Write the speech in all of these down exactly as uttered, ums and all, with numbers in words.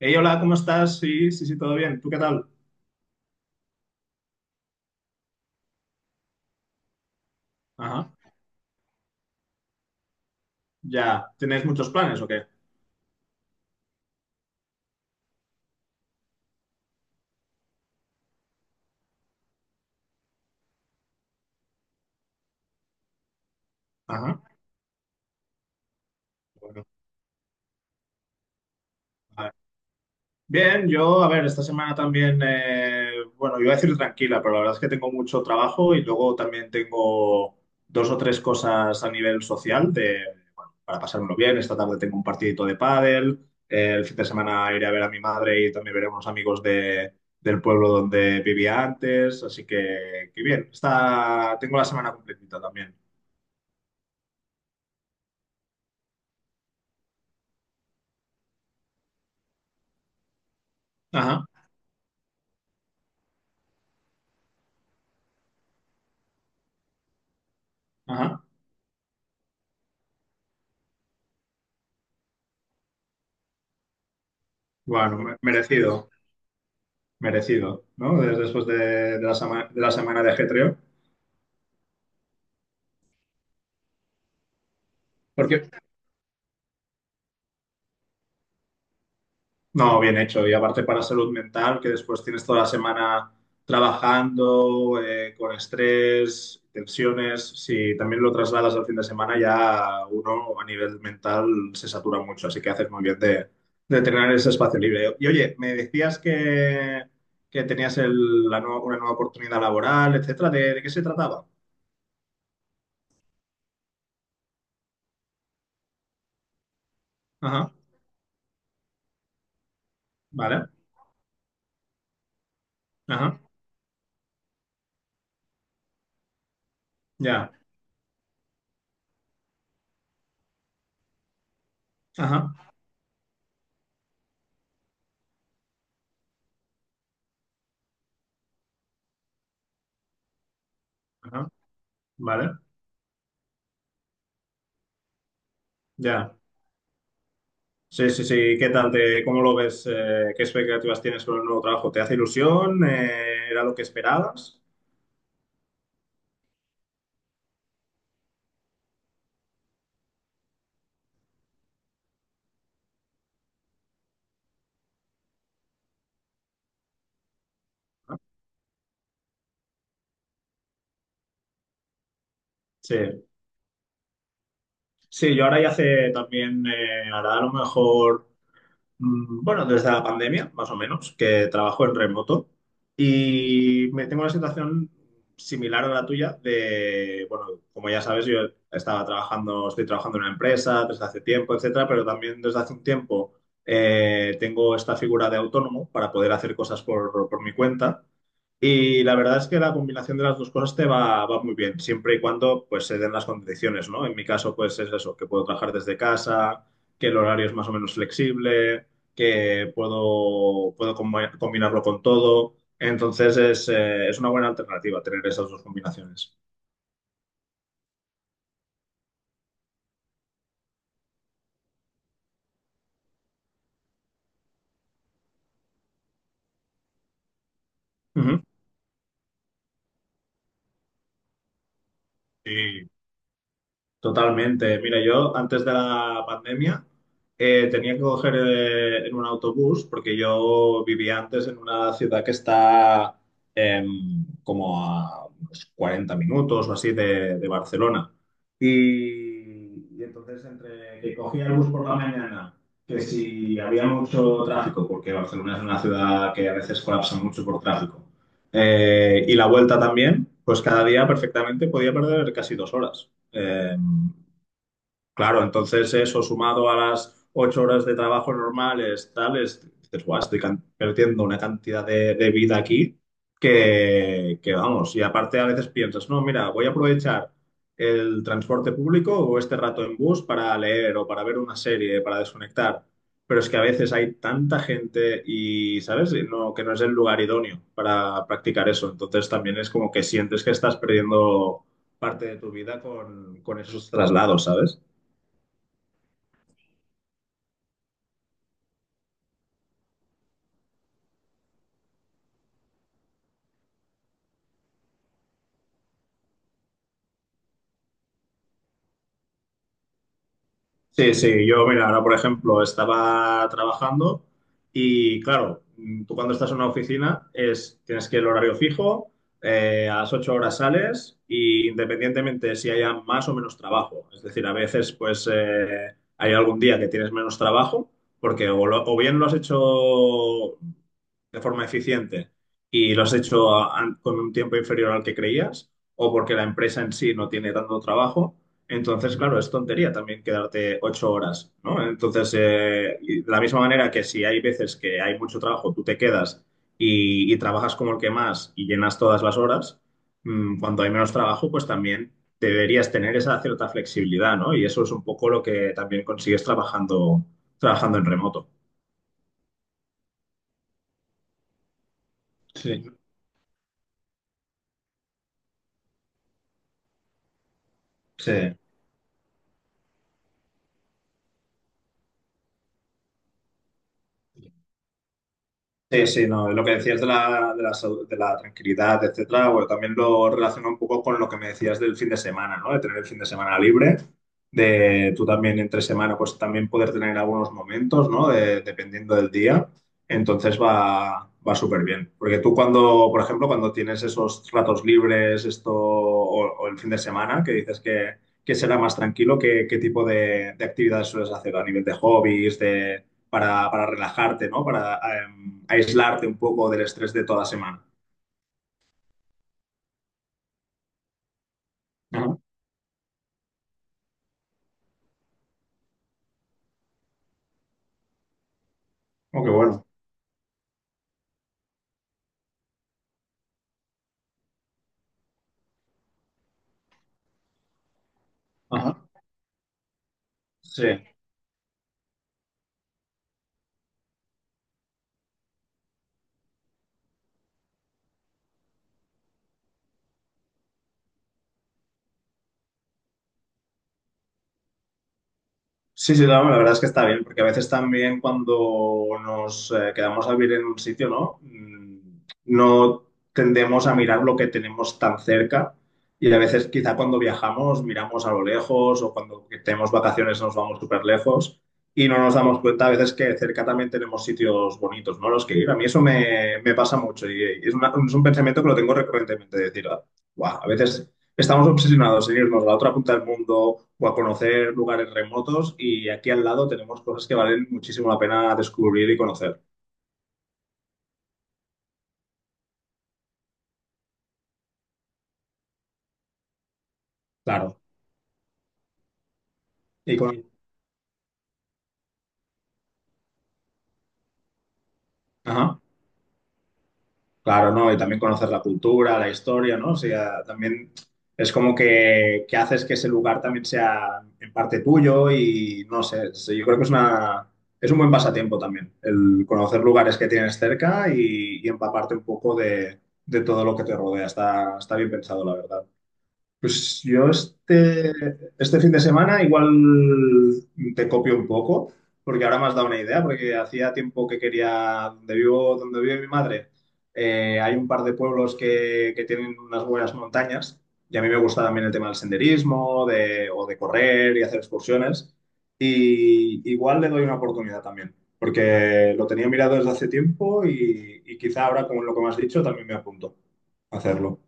Hey, hola, ¿cómo estás? Sí, sí, sí, todo bien. ¿Tú qué tal? Ajá, ya. ¿Tenéis muchos planes o qué? Ajá. Bueno, vale. Bien, yo, a ver, esta semana también, eh, bueno, iba a decir tranquila, pero la verdad es que tengo mucho trabajo y luego también tengo dos o tres cosas a nivel social de, bueno, para pasármelo bien. Esta tarde tengo un partidito de pádel, eh, el fin de semana iré a ver a mi madre y también veré a unos amigos de, del pueblo donde vivía antes, así que, que bien. Está, tengo la semana completita también. Ajá. Ajá. Bueno, me- merecido, merecido, ¿no? De- Después de, de la semana, de la semana de ajetreo. Porque, no, bien hecho. Y aparte para salud mental, que después tienes toda la semana trabajando, eh, con estrés, tensiones. Si también lo trasladas al fin de semana, ya uno a nivel mental se satura mucho. Así que haces muy bien de, de tener ese espacio libre. Y oye, me decías que, que tenías el- la nueva- una nueva oportunidad laboral, etcétera. ¿De, de qué se trataba? Ajá, vale. Ajá, ya, ajá, ajá, vale, ya. Sí, sí, sí, ¿qué tal? Te, ¿cómo lo ves? Eh, ¿qué expectativas tienes con el nuevo trabajo? ¿Te hace ilusión? Eh, ¿era lo que esperabas? ¿No? Sí, sí, yo ahora ya hace también, eh, hará a lo mejor. Mm, Bueno, desde la pandemia, más o menos, que trabajo en remoto y me tengo una situación similar a la tuya de, bueno, como ya sabes, yo estaba trabajando, estoy trabajando en una empresa desde hace tiempo, etcétera, pero también desde hace un tiempo eh, tengo esta figura de autónomo para poder hacer cosas por, por mi cuenta y la verdad es que la combinación de las dos cosas te va, va muy bien, siempre y cuando pues se den las condiciones, ¿no? En mi caso, pues es eso, que puedo trabajar desde casa, que el horario es más o menos flexible, que puedo, puedo combi- combinarlo con todo. Entonces es, eh, es una buena alternativa tener esas dos combinaciones. Ujú. Sí, totalmente. Mira, yo antes de la pandemia eh, tenía que coger eh, en un autobús porque yo vivía antes en una ciudad que está em, como a unos cuarenta minutos o así de, de Barcelona. Y, y entonces entre que cogía el bus por la mañana, que si había mucho tráfico, porque Barcelona es una ciudad que a veces colapsa mucho por tráfico, eh, y la vuelta también, pues cada día perfectamente podía perder casi dos horas. Eh, Claro, entonces eso sumado a las ocho horas de trabajo normales, tales, dices, guau, estoy can- perdiendo una cantidad de, de vida aquí que, que vamos. Y aparte a veces piensas, no, mira, voy a aprovechar el transporte público o este rato en bus para leer o para ver una serie, para desconectar. Pero es que a veces hay tanta gente y, ¿sabes? Y no, que no es el lugar idóneo para practicar eso. Entonces también es como que sientes que estás perdiendo parte de tu vida con, con esos traslados, ¿sabes? Sí, sí, yo, mira, ahora por ejemplo estaba trabajando y claro, mm, tú cuando estás en una oficina es, tienes que el horario fijo, eh, a las ocho horas sales y independientemente si haya más o menos trabajo. Es decir, a veces pues eh, hay algún día que tienes menos trabajo porque o, lo- o bien lo has hecho de forma eficiente y lo has hecho a- an- con un tiempo inferior al que creías o porque la empresa en sí no tiene tanto trabajo. Entonces, claro, es tontería también quedarte ocho horas, ¿no? Entonces, eh, y de la misma manera que si hay veces que hay mucho trabajo, tú te quedas y, y trabajas como el que más y llenas todas las horas, mm, cuando hay menos trabajo, pues también deberías tener esa cierta flexibilidad, ¿no? Y eso es un poco lo que también consigues trabajando, trabajando en remoto. Sí, sí. Sí. Sí, sí, no, lo que decías de la, de la, sau- de la tranquilidad, etcétera, bueno, también lo relaciono un poco con lo que me decías del fin de semana, ¿no? De tener el fin de semana libre, de tú también entre semana, pues también poder tener algunos momentos, ¿no? De- dependiendo del día, entonces va, va súper bien. Porque tú cuando, por ejemplo, cuando tienes esos ratos libres, esto, o, o el fin de semana, que dices que, que será más tranquilo, ¿qué, qué tipo de, de actividades sueles hacer a nivel de hobbies, para, para relajarte, ¿no? Para em, aislarte un poco del estrés de toda la semana. Ajá. Oh, qué bueno. Ajá. Sí. Sí, sí, no, la verdad es que está bien, porque a veces también cuando nos eh, quedamos a vivir en un sitio, ¿no? Mm, no tendemos a mirar lo que tenemos tan cerca y a veces quizá cuando viajamos miramos a lo lejos o cuando tenemos vacaciones nos vamos súper lejos y no nos damos cuenta a veces que cerca también tenemos sitios bonitos, ¿no? Los que ir. A mí eso me, me pasa mucho y, eh, es, una- es un pensamiento que lo tengo recurrentemente, de decir, wow, a veces estamos obsesionados en irnos a la otra punta del mundo o a conocer lugares remotos y aquí al lado tenemos cosas que valen muchísimo la pena descubrir y conocer. Claro. Y con... Ajá. Claro, ¿no? Y también conocer la cultura, la historia, ¿no? O sea, también es como que, que haces que ese lugar también sea en parte tuyo y no sé, es- yo creo que es una... Es un buen pasatiempo también, el conocer lugares que tienes cerca y, y empaparte un poco de, de todo lo que te rodea. Está, está bien pensado, la verdad. Pues yo este, este fin de semana igual te copio un poco, porque ahora me has dado una idea, porque hacía tiempo que quería, donde vivo, donde vive mi madre, eh, hay un par de pueblos que, que tienen unas buenas montañas, y a mí me gusta también el tema del senderismo, de, o de correr y hacer excursiones, y igual le doy una oportunidad también, porque lo tenía mirado desde hace tiempo y, y quizá ahora con lo que me has dicho también me apunto a hacerlo.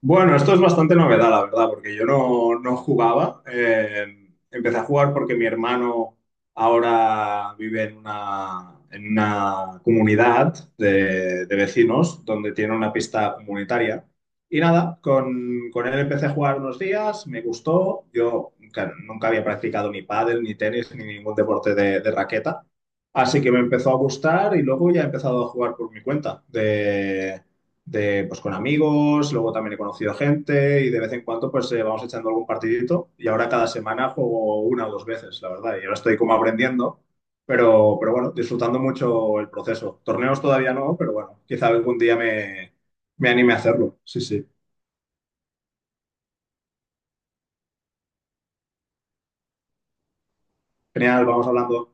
Bueno, esto es bastante novedad, la verdad, porque yo no, no jugaba. Eh, empecé a jugar porque mi hermano ahora vive en una, en una comunidad de, de vecinos donde tiene una pista comunitaria. Y nada, con, con él empecé a jugar unos días, me gustó. Yo nunca, nunca había practicado ni pádel, ni tenis, ni ningún deporte de, de raqueta. Así que me empezó a gustar y luego ya he empezado a jugar por mi cuenta de, de, pues, con amigos, luego también he conocido gente y de vez en cuando pues eh, vamos echando algún partidito y ahora cada semana juego una o dos veces, la verdad, y ahora estoy como aprendiendo, pero, pero bueno, disfrutando mucho el proceso. Torneos todavía no, pero bueno, quizá algún día me, me anime a hacerlo. Sí, sí. Genial, vamos hablando.